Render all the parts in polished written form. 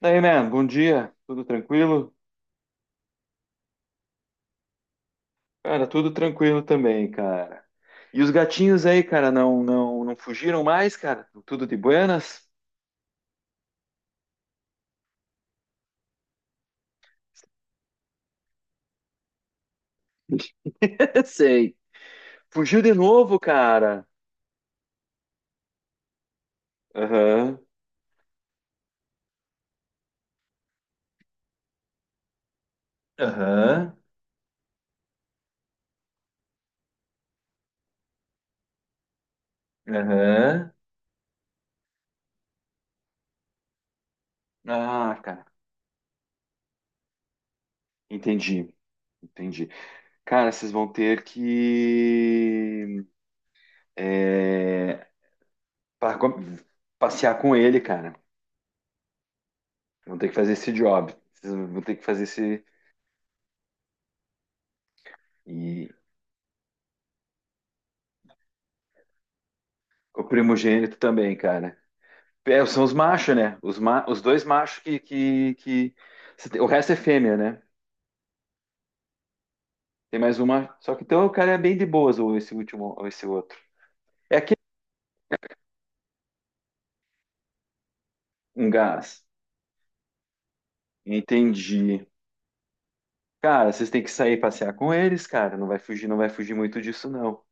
Daí, man, bom dia. Tudo tranquilo? Cara, tudo tranquilo também, cara. E os gatinhos aí, cara, não fugiram mais, cara? Tudo de buenas? Sei. Fugiu de novo, cara. Aham. Aham. Aham. Ah, cara. Entendi. Entendi. Cara, vocês vão ter que é, pa- com- passear com ele, cara. Vão ter que fazer esse job. Vocês vão ter que fazer esse e o primogênito também, cara. É, são os machos, né? Os dois machos que. O resto é fêmea, né? Tem mais uma. Só que então o cara é bem de boas, ou esse último, ou esse outro. É aquele um gás. Entendi. Cara, vocês têm que sair passear com eles, cara. Não vai fugir, não vai fugir muito disso, não.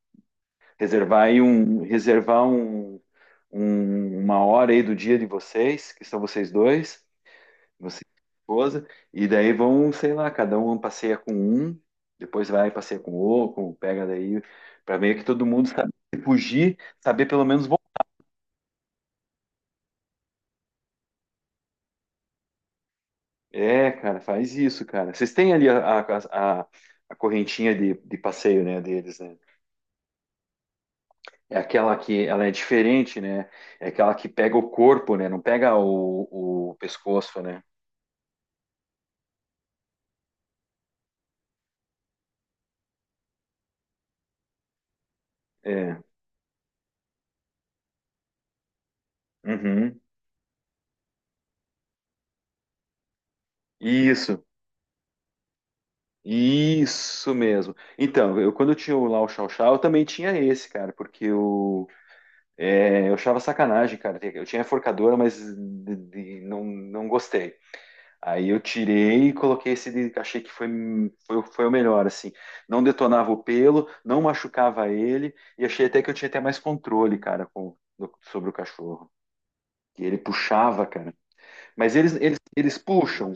Reservar aí um. Reservar uma hora aí do dia de vocês, que são vocês dois, você e esposa, e daí vão, sei lá, cada um passeia com um, depois vai e passeia com o outro, pega daí, para meio que todo mundo sabe se fugir, saber pelo menos. É, cara, faz isso, cara. Vocês têm ali a correntinha de passeio, né, deles, né? É aquela que ela é diferente, né? É aquela que pega o corpo, né? Não pega o pescoço, né? É. Uhum. Isso. Isso mesmo. Então, eu quando eu tinha lá o Chau Chau, eu também tinha esse, cara, porque eu achava sacanagem, cara. Eu tinha a forcadora, mas não, não gostei. Aí eu tirei e coloquei esse de, achei que foi o melhor, assim. Não detonava o pelo, não machucava ele, e achei até que eu tinha até mais controle, cara, sobre o cachorro. Que ele puxava, cara. Mas eles puxam,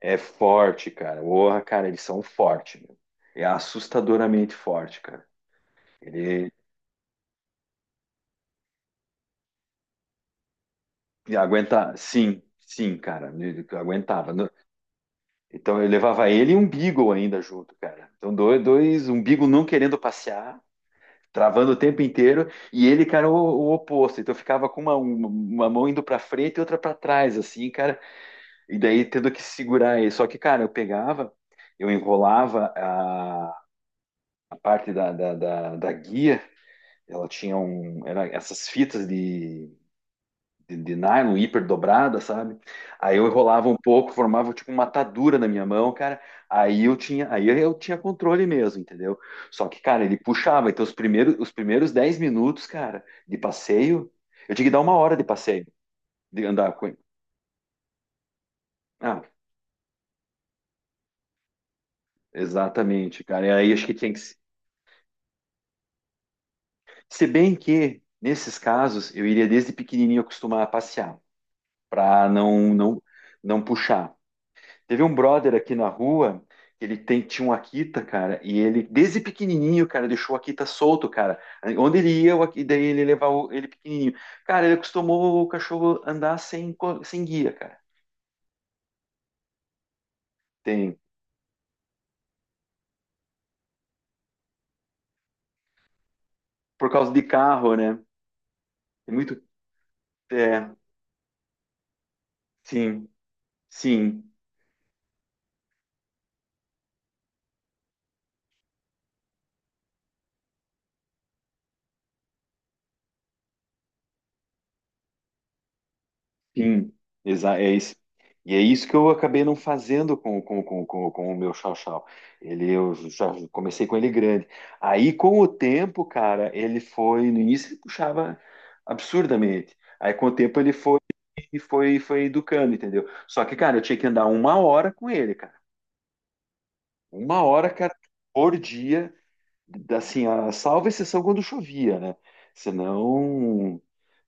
é forte, cara. Porra, cara, eles são fortes, meu. É assustadoramente forte, cara. Ele aguenta, sim, sim, cara. Ele aguentava. Então eu levava ele e um Beagle ainda junto, cara. Então um Beagle não querendo passear, travando o tempo inteiro, e ele, cara, o oposto. Então eu ficava com uma mão indo pra frente e outra pra trás, assim, cara. E daí tendo que segurar ele. Só que, cara, eu pegava, eu enrolava a parte da guia. Ela tinha um. Era essas fitas de nylon hiper dobrada, sabe? Aí eu enrolava um pouco, formava tipo uma atadura na minha mão, cara. Aí eu tinha controle mesmo, entendeu? Só que, cara, ele puxava. Então, os primeiros 10 minutos, cara, de passeio, eu tinha que dar uma hora de passeio, de andar com ele. Ah, exatamente, cara. E aí acho que tinha que. Se bem que, nesses casos, eu iria desde pequenininho acostumar a passear, pra não puxar. Teve um brother aqui na rua, ele tinha um Akita, cara, e ele, desde pequenininho, cara, deixou o Akita solto, cara. Onde ele ia, o Akita, daí ele levava ele pequenininho. Cara, ele acostumou o cachorro andar sem guia, cara. Tem. Por causa de carro, né? Tem muito. É, sim, sim. Sim, exa é isso. E é isso que eu acabei não fazendo com o meu chau-chau. Eu já comecei com ele grande. Aí, com o tempo, cara, ele foi. No início, ele puxava absurdamente. Aí, com o tempo, ele foi educando, entendeu? Só que, cara, eu tinha que andar uma hora com ele, cara. Uma hora, cara, por dia. Assim, salvo exceção quando chovia, né? Senão.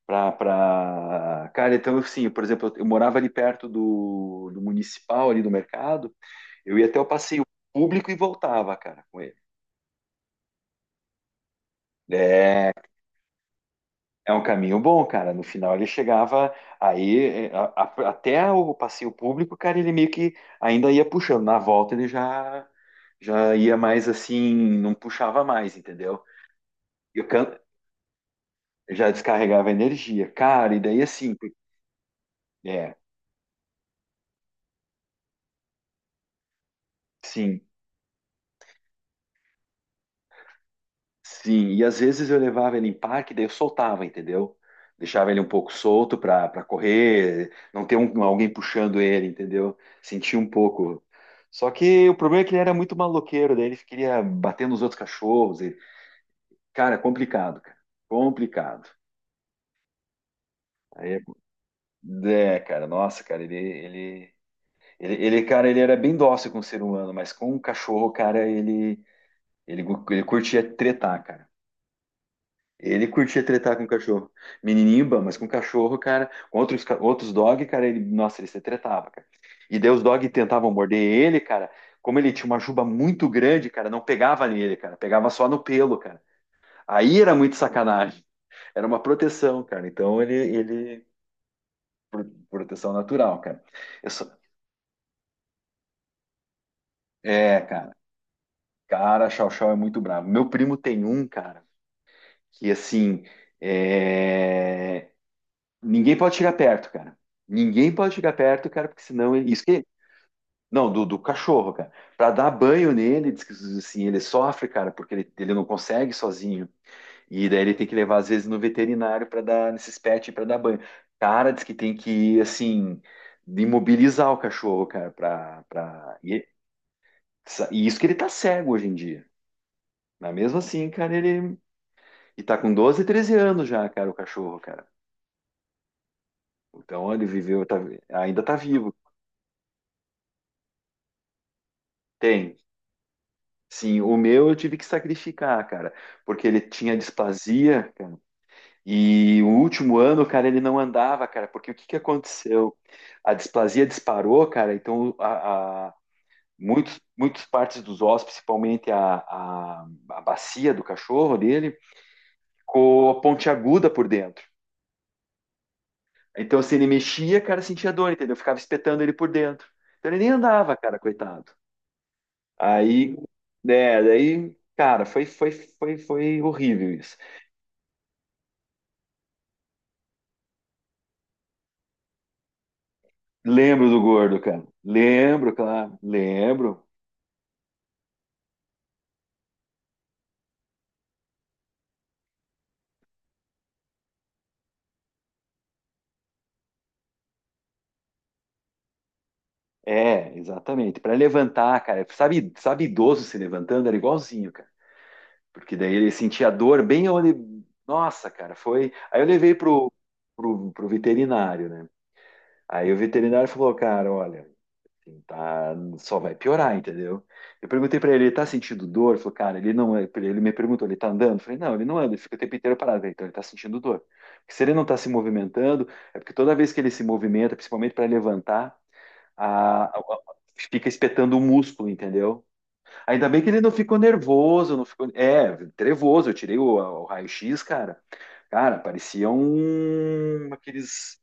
Cara, então assim, por exemplo, eu morava ali perto do municipal, ali do mercado, eu ia até o passeio público e voltava, cara, com ele. É, é um caminho bom, cara. No final ele chegava aí é, a- até o passeio público, cara, ele meio que ainda ia puxando. Na volta ele já ia mais assim, não puxava mais, entendeu? E o can- Já descarregava energia, cara. E daí assim, é, sim. Sim, e às vezes eu levava ele em parque, daí eu soltava, entendeu? Deixava ele um pouco solto para correr, não ter alguém puxando ele, entendeu? Sentia um pouco. Só que o problema é que ele era muito maloqueiro, daí ele queria bater nos outros cachorros. Cara, complicado, cara. Complicado. Aí cara, nossa, cara, cara, ele era bem dócil com o ser humano, mas com o cachorro, cara, ele, ele curtia tretar, cara. Ele curtia tretar com cachorro. Menininho, bom, mas com cachorro, cara, com outros dog, cara, ele, nossa, ele se tretava, cara. E daí os dog tentavam morder ele, cara. Como ele tinha uma juba muito grande, cara, não pegava nele, cara, pegava só no pelo, cara. Aí era muito sacanagem. Era uma proteção, cara. Então ele proteção natural, cara. Eu só- É, cara. Cara, Chau Chau é muito bravo. Meu primo tem um, cara, que assim, é, ninguém pode chegar perto, cara. Ninguém pode chegar perto, cara, porque senão. Isso que. Não, do cachorro, cara. Pra dar banho nele, diz que assim, ele sofre, cara, porque ele não consegue sozinho. E daí ele tem que levar, às vezes, no veterinário pra dar, nesses pets, pra dar banho. Cara, diz que tem que, assim, imobilizar o cachorro, cara, e isso que ele tá cego hoje em dia. Mas mesmo assim, cara, ele. E tá com 12, 13 anos já, cara, o cachorro, cara. Então ele viveu, ainda tá vivo. Tem, sim, o meu eu tive que sacrificar, cara, porque ele tinha displasia, cara, e o último ano, cara, ele não andava, cara, porque o que que aconteceu? A displasia disparou, cara, então muitos, muitas partes dos ossos, principalmente a bacia do cachorro dele, ficou pontiaguda por dentro. Então, se ele mexia, cara, sentia dor, entendeu? Eu ficava espetando ele por dentro. Então, ele nem andava, cara, coitado. Aí, né, daí, cara, foi horrível isso. Lembro do gordo, cara. Lembro, claro. Lembro. É, exatamente. Para levantar, cara. Sabe idoso se levantando? Era igualzinho, cara. Porque daí ele sentia dor bem onde. Nossa, cara, foi. Aí eu levei pro, pro veterinário, né? Aí o veterinário falou, cara, olha, assim, tá, só vai piorar, entendeu? Eu perguntei pra ele, ele tá sentindo dor? Ele falou, cara, ele não, é", ele me perguntou, ele tá andando? Eu falei, não, ele não anda, ele fica o tempo inteiro parado. Eu falei, então ele tá sentindo dor. Porque se ele não tá se movimentando, é porque toda vez que ele se movimenta, principalmente para levantar, fica espetando o músculo, entendeu? Ainda bem que ele não ficou nervoso, não ficou, trevoso, eu tirei o raio-x, cara. Cara, parecia um, aqueles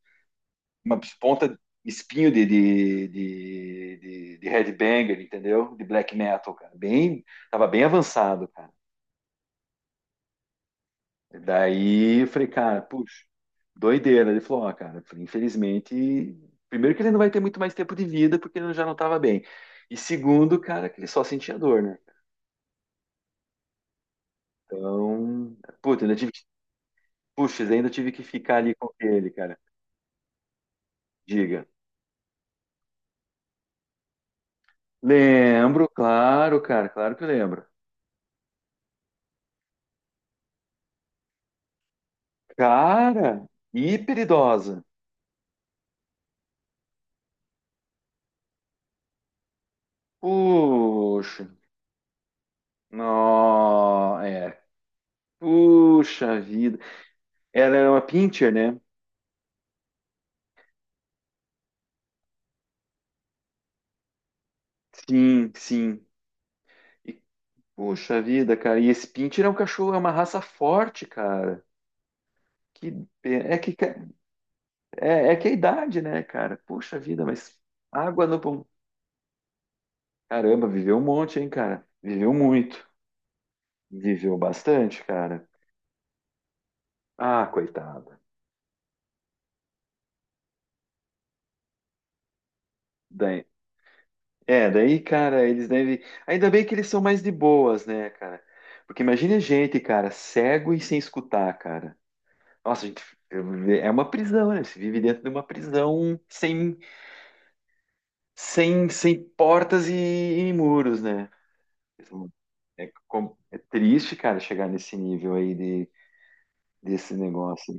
uma ponta espinho de headbanger, entendeu? De black metal, cara. Bem, tava bem avançado, cara. Daí eu falei, cara, puxa, doideira. Ele falou, ó, cara, infelizmente, primeiro que ele não vai ter muito mais tempo de vida porque ele já não tava bem. E segundo, cara, que ele só sentia dor, né? Então, puta, puxa, ainda tive que ficar ali com ele, cara. Diga. Lembro, claro, cara, claro que eu lembro. Cara, hiper idosa. Puxa. Nó, é. Puxa vida. Ela era uma pincher, né? Sim, sim. E, puxa vida, cara. E esse pincher é um cachorro, é uma raça forte, cara. Que, pe- é que é que é a idade, né, cara? Puxa vida, mas água no pão. Caramba, viveu um monte, hein, cara? Viveu muito. Viveu bastante, cara. Ah, coitada. É, daí, cara, eles devem. Ainda bem que eles são mais de boas, né, cara? Porque imagine a gente, cara, cego e sem escutar, cara. Nossa, a gente é uma prisão, né? Você vive dentro de uma prisão sem, sem portas e muros, né? Então, é, é triste, cara, chegar nesse nível aí de, desse negócio.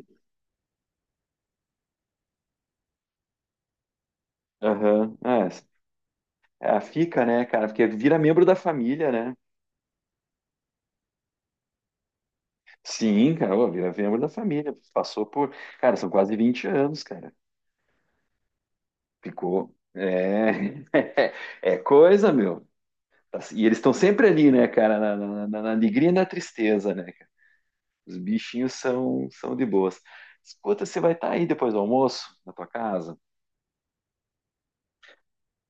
Aham. É, fica, né, cara? Porque vira membro da família, né? Sim, cara, ô, vira membro da família. Passou por. Cara, são quase 20 anos, cara. Ficou. É, é coisa, meu. E eles estão sempre ali, né, cara? Na alegria e na tristeza, né, cara? Os bichinhos são de boas. Escuta, você vai estar aí depois do almoço, na tua casa?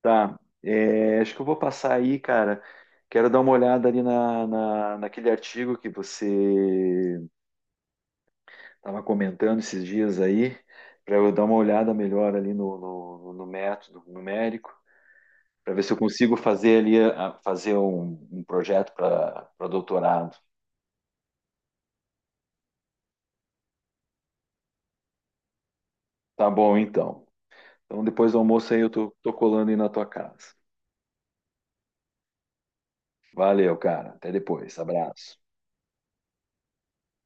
Tá. É, acho que eu vou passar aí, cara. Quero dar uma olhada ali naquele artigo que você estava comentando esses dias aí, para eu dar uma olhada melhor ali no, no método numérico, para ver se eu consigo fazer ali fazer um projeto para doutorado. Tá bom, então. Então depois do almoço aí eu tô colando aí na tua casa. Valeu, cara. Até depois. Abraço.